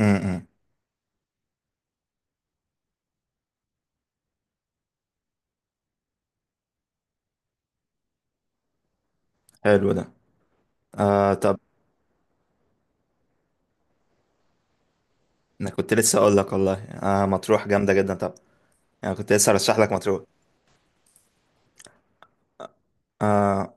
امم حلو ده. آه، طب، انا كنت لسه اقول لك والله، مطروح جامده جدا. طب، انا كنت لسه ارشح لك مطروح. آه،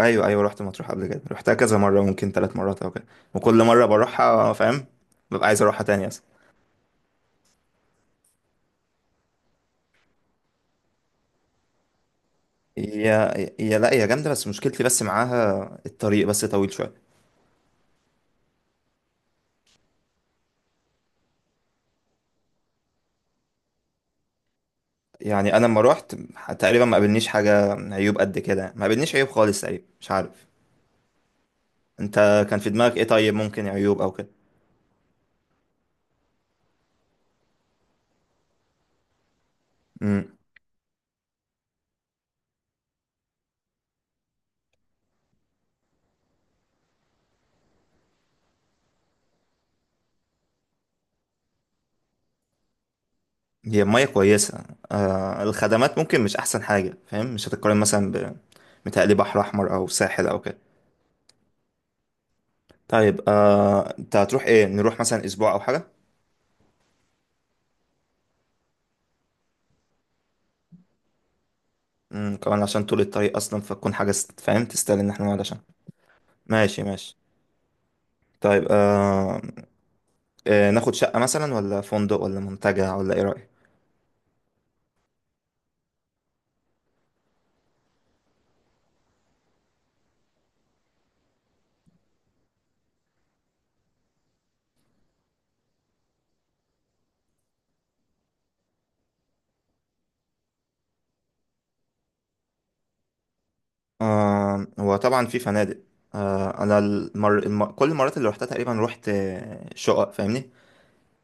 ايوه ايوه، رحت مطروح قبل كده، رحتها كذا مره، ممكن 3 مرات او كده. وكل مره بروحها فاهم، ببقى عايز اروحها تاني اصلا. هي هي لا، هي جامده، بس مشكلتي بس معاها الطريق، بس طويل شويه. يعني انا لما روحت، تقريبا ما قابلنيش حاجه عيوب قد كده، ما قابلنيش عيوب خالص تقريبا، مش عارف انت كان في دماغك ايه. طيب، ممكن عيوب او كده. امم. هي المية كويسة. الخدمات ممكن مش أحسن حاجة فاهم، مش هتتقارن مثلا ب متهيألي، بحر أحمر أو ساحل أو كده. طيب، أنت هتروح إيه؟ نروح مثلا أسبوع أو حاجة. كمان عشان طول الطريق أصلا، فتكون حاجة فاهم، تستاهل إن احنا نقعد عشان. ماشي ماشي. طيب. ناخد شقة مثلا ولا فندق ولا منتجع، ولا إيه رأيك؟ آه، هو طبعا في فنادق. آه، أنا كل المرات اللي روحتها تقريبا روحت، شقق فاهمني.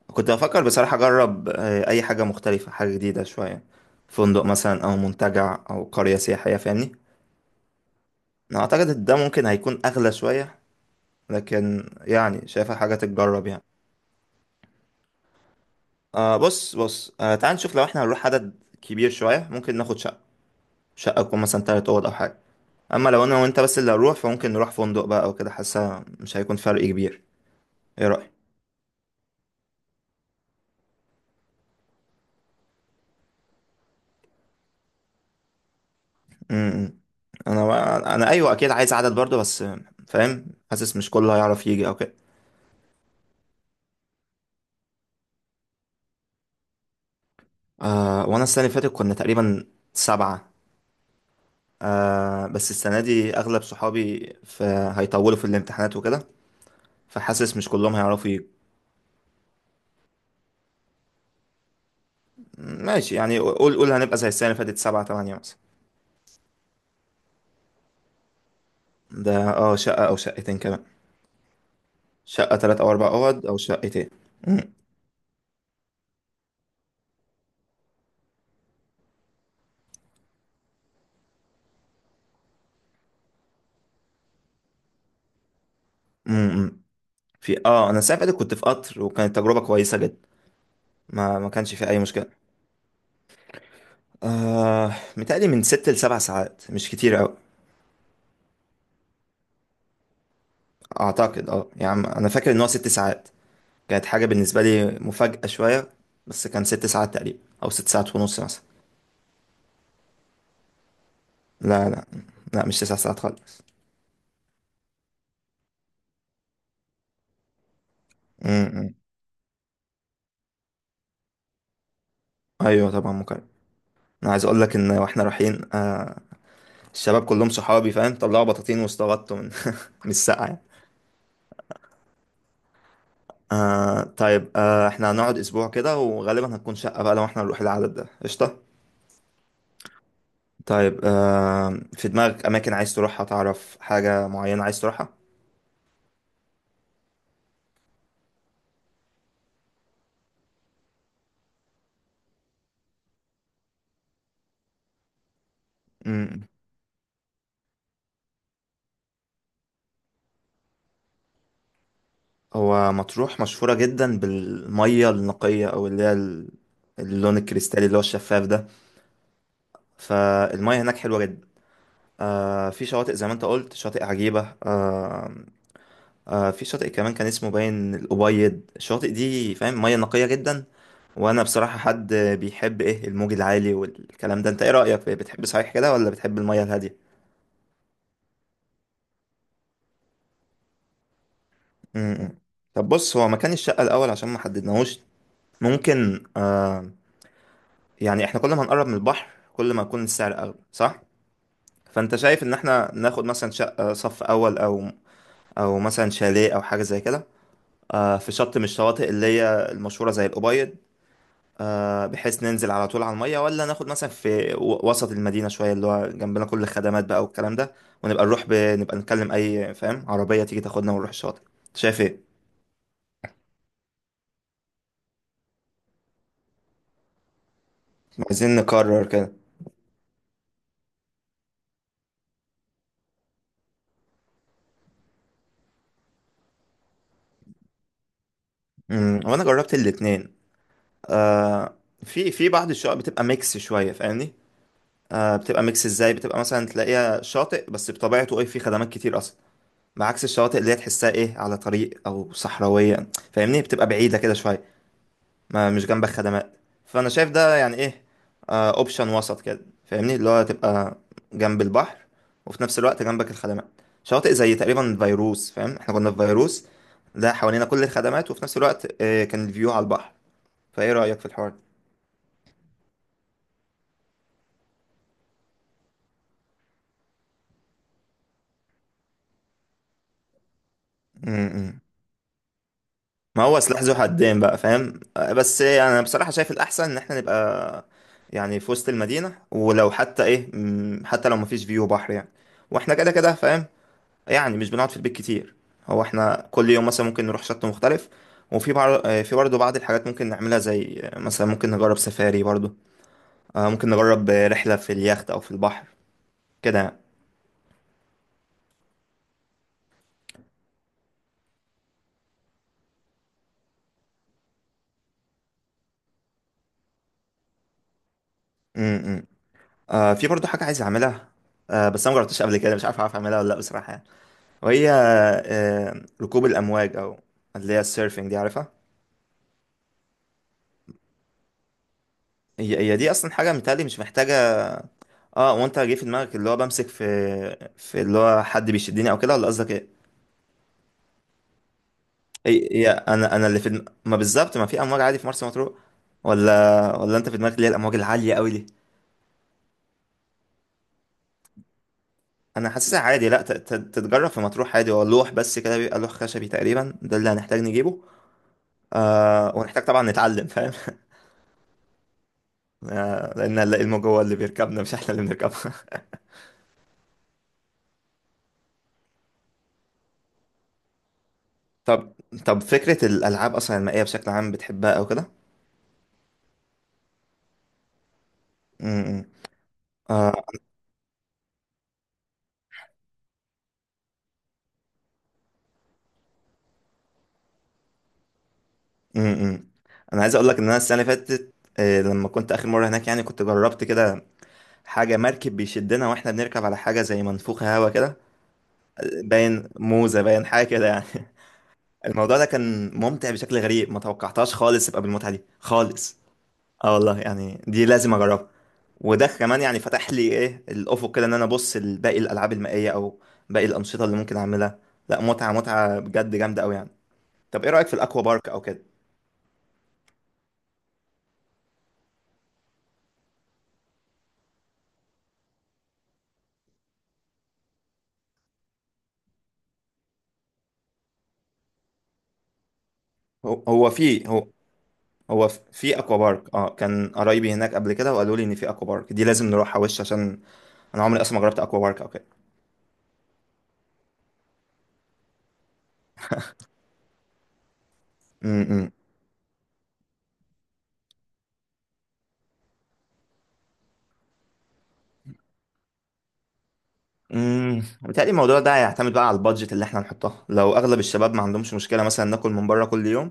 كنت بفكر بصراحة أجرب أي حاجة مختلفة، حاجة جديدة شوية. فندق مثلا أو منتجع أو قرية سياحية، فاهمني. أنا أعتقد إن ده ممكن هيكون أغلى شوية، لكن يعني شايفها حاجة تتجرب يعني. بص بص، تعال نشوف. لو إحنا هنروح عدد كبير شوية، ممكن ناخد شقة، شقة تكون مثلا 3 أوض أو حاجة. أما لو أنا وأنت بس اللي هنروح، فممكن نروح فندق بقى أو كده، حاسة مش هيكون فرق كبير. إيه رأيك؟ م-م. أنا أيوه، أكيد عايز عدد برضه، بس فاهم، حاسس مش كله هيعرف يجي أو كده. آه، وانا السنه اللي فاتت كنا تقريبا 7. بس السنه دي اغلب صحابي في، هيطولوا في الامتحانات وكده، فحاسس مش كلهم هيعرفوا. ماشي، يعني قول قول هنبقى زي السنه اللي فاتت، 7 8 مثلا. ده اه، شقه او شقتين كمان. شقه 3 أو 4 أوض، او شقتين. مم، مم، مم. في انا السنه اللي فاتت كنت في قطر وكانت تجربه كويسه جدا. ما كانش في اي مشكله. آه، متهيألي من 6 لـ7 ساعات، مش كتير أوي. أعتقد يعني أنا فاكر إن هو 6 ساعات، كانت حاجة بالنسبة لي مفاجأة شوية، بس كان 6 ساعات تقريبا أو 6 ساعات ونص مثلا. لا لا، لا مش 9 ساعات خالص. امم. أيوة طبعا مكرم. أنا عايز أقول لك إن وإحنا رايحين، الشباب كلهم صحابي فاهم، طلعوا بطاطين واستغطوا من من السقعة يعني. آه، طيب. إحنا هنقعد أسبوع كده، وغالبا هتكون شقة بقى لو إحنا نروح العدد ده، قشطة. طيب، في دماغك أماكن عايز تروحها؟ تعرف حاجة معينة عايز تروحها؟ امم هو مطروح مشهورة جدا بالمية النقية، أو اللي هي اللون الكريستالي اللي هو الشفاف ده. فالمية هناك حلوة جدا. في شواطئ زي ما انت قلت، شاطئ عجيبة. في شاطئ كمان كان اسمه باين الأبيض. الشواطئ دي فاهم، مية نقية جدا. وأنا بصراحة، حد بيحب إيه الموج العالي والكلام ده، أنت إيه رأيك؟ بتحب صحيح كده، ولا بتحب المية الهادية؟ م- م. طب بص، هو مكان الشقة الأول عشان ما حددناهوش، ممكن يعني، احنا كل ما هنقرب من البحر كل ما يكون السعر اغلى صح. فانت شايف ان احنا ناخد مثلا شقة صف اول، او مثلا شاليه او حاجة زي كده، في شط من الشواطئ اللي هي المشهورة زي الأبيض، بحيث ننزل على طول على المية. ولا ناخد مثلا في وسط المدينة شوية، اللي هو جنبنا كل الخدمات بقى والكلام ده، ونبقى نروح نبقى نكلم أي فاهم عربية تيجي تاخدنا ونروح الشاطئ. شايف ايه؟ عايزين نقرر كده. وانا جربت الاتنين. آه، في في بعض الشقق بتبقى ميكس شوية فاهمني. آه، بتبقى ميكس ازاي؟ بتبقى مثلا تلاقيها شاطئ بس بطبيعته ايه، فيه خدمات كتير اصلا، بعكس الشواطئ اللي هي تحسها ايه على طريق او صحراويه فاهمني، بتبقى بعيده كده شويه، ما مش جنبك خدمات. فانا شايف ده يعني ايه، اوبشن وسط كده فاهمني، اللي هو تبقى جنب البحر وفي نفس الوقت جنبك الخدمات. شواطئ زي تقريبا فيروس فاهم، احنا كنا في فيروس ده، حوالينا كل الخدمات وفي نفس الوقت كان الفيو على البحر. فايه رايك في الحوار ده؟ ما هو سلاح ذو حدين بقى فاهم، بس يعني انا بصراحة شايف الأحسن إن احنا نبقى يعني في وسط المدينة. ولو حتى إيه حتى لو مفيش فيو بحر يعني، واحنا كده كده فاهم، يعني مش بنقعد في البيت كتير. هو احنا كل يوم مثلا ممكن نروح شط مختلف. وفي في برضه بعض الحاجات ممكن نعملها، زي مثلا ممكن نجرب سفاري برضه، ممكن نجرب رحلة في اليخت أو في البحر، كده يعني. م -م. في برضه حاجة عايز أعملها، بس أنا مجربتش قبل كده، مش عارف أعرف أعملها ولا لأ بصراحة يعني. وهي ركوب الامواج، او اللي هي السيرفنج دي، عارفها؟ هي دي اصلا حاجه متهيألي مش محتاجه. اه، وانت جه في دماغك اللي هو بمسك في، في اللي هو حد بيشدني او كده، ولا قصدك ايه؟ هي انا اللي في ما بالظبط، ما في امواج عادي في مرسى مطروح؟ ولا انت في دماغك اللي هي الامواج العاليه قوي دي؟ انا حاسسها عادي، لا تتجرب في مطروح عادي. هو لوح بس كده، بيبقى لوح خشبي تقريبا ده اللي هنحتاج نجيبه. آه، ونحتاج طبعا نتعلم فاهم. آه، لان الموج هو اللي بيركبنا، مش احنا اللي بنركبه. طب، طب فكرة الألعاب أصلا المائية بشكل عام بتحبها أو كده؟ امم. آه. امم. أنا عايز أقول لك إن أنا السنة اللي فاتت، لما كنت آخر مرة هناك يعني، كنت جربت كده حاجة، مركب بيشدنا وإحنا بنركب على حاجة زي منفوخة هوا كده، باين موزة، باين حاجة كده يعني. الموضوع ده كان ممتع بشكل غريب، ما توقعتهاش خالص يبقى بالمتعة دي خالص. اه والله يعني، دي لازم اجربها. وده كمان يعني فتح لي ايه الافق كده، ان انا ابص لباقي الالعاب المائيه، او باقي الانشطه اللي ممكن اعملها. لا، متعه متعه بجد، جامده قوي يعني. طب ايه رايك في الاكوا بارك او كده؟ هو هو في هو هو في اكوا بارك. اه، كان قرايبي هناك قبل كده وقالوا لي ان في اكوا بارك دي لازم نروحها وش، عشان انا عمري اصلا ما جربت اكوا بارك او كده. امم. امم. بيتهيألي الموضوع ده هيعتمد بقى على البادجت اللي احنا هنحطها. لو اغلب الشباب ما عندهمش مشكله مثلا ناكل من بره كل يوم،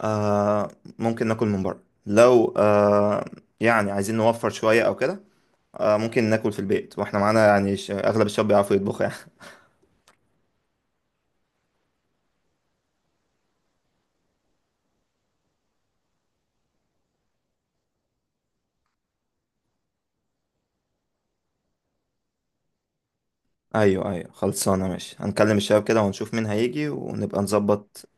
آه، ممكن ناكل من بره. لو يعني عايزين نوفر شوية او كده، آه، ممكن ناكل في البيت واحنا معانا يعني اغلب الشباب بيعرفوا يطبخوا يعني. ايوه ايوه، خلصانة، ماشي هنكلم الشباب كده ونشوف مين هيجي ونبقى نظبط.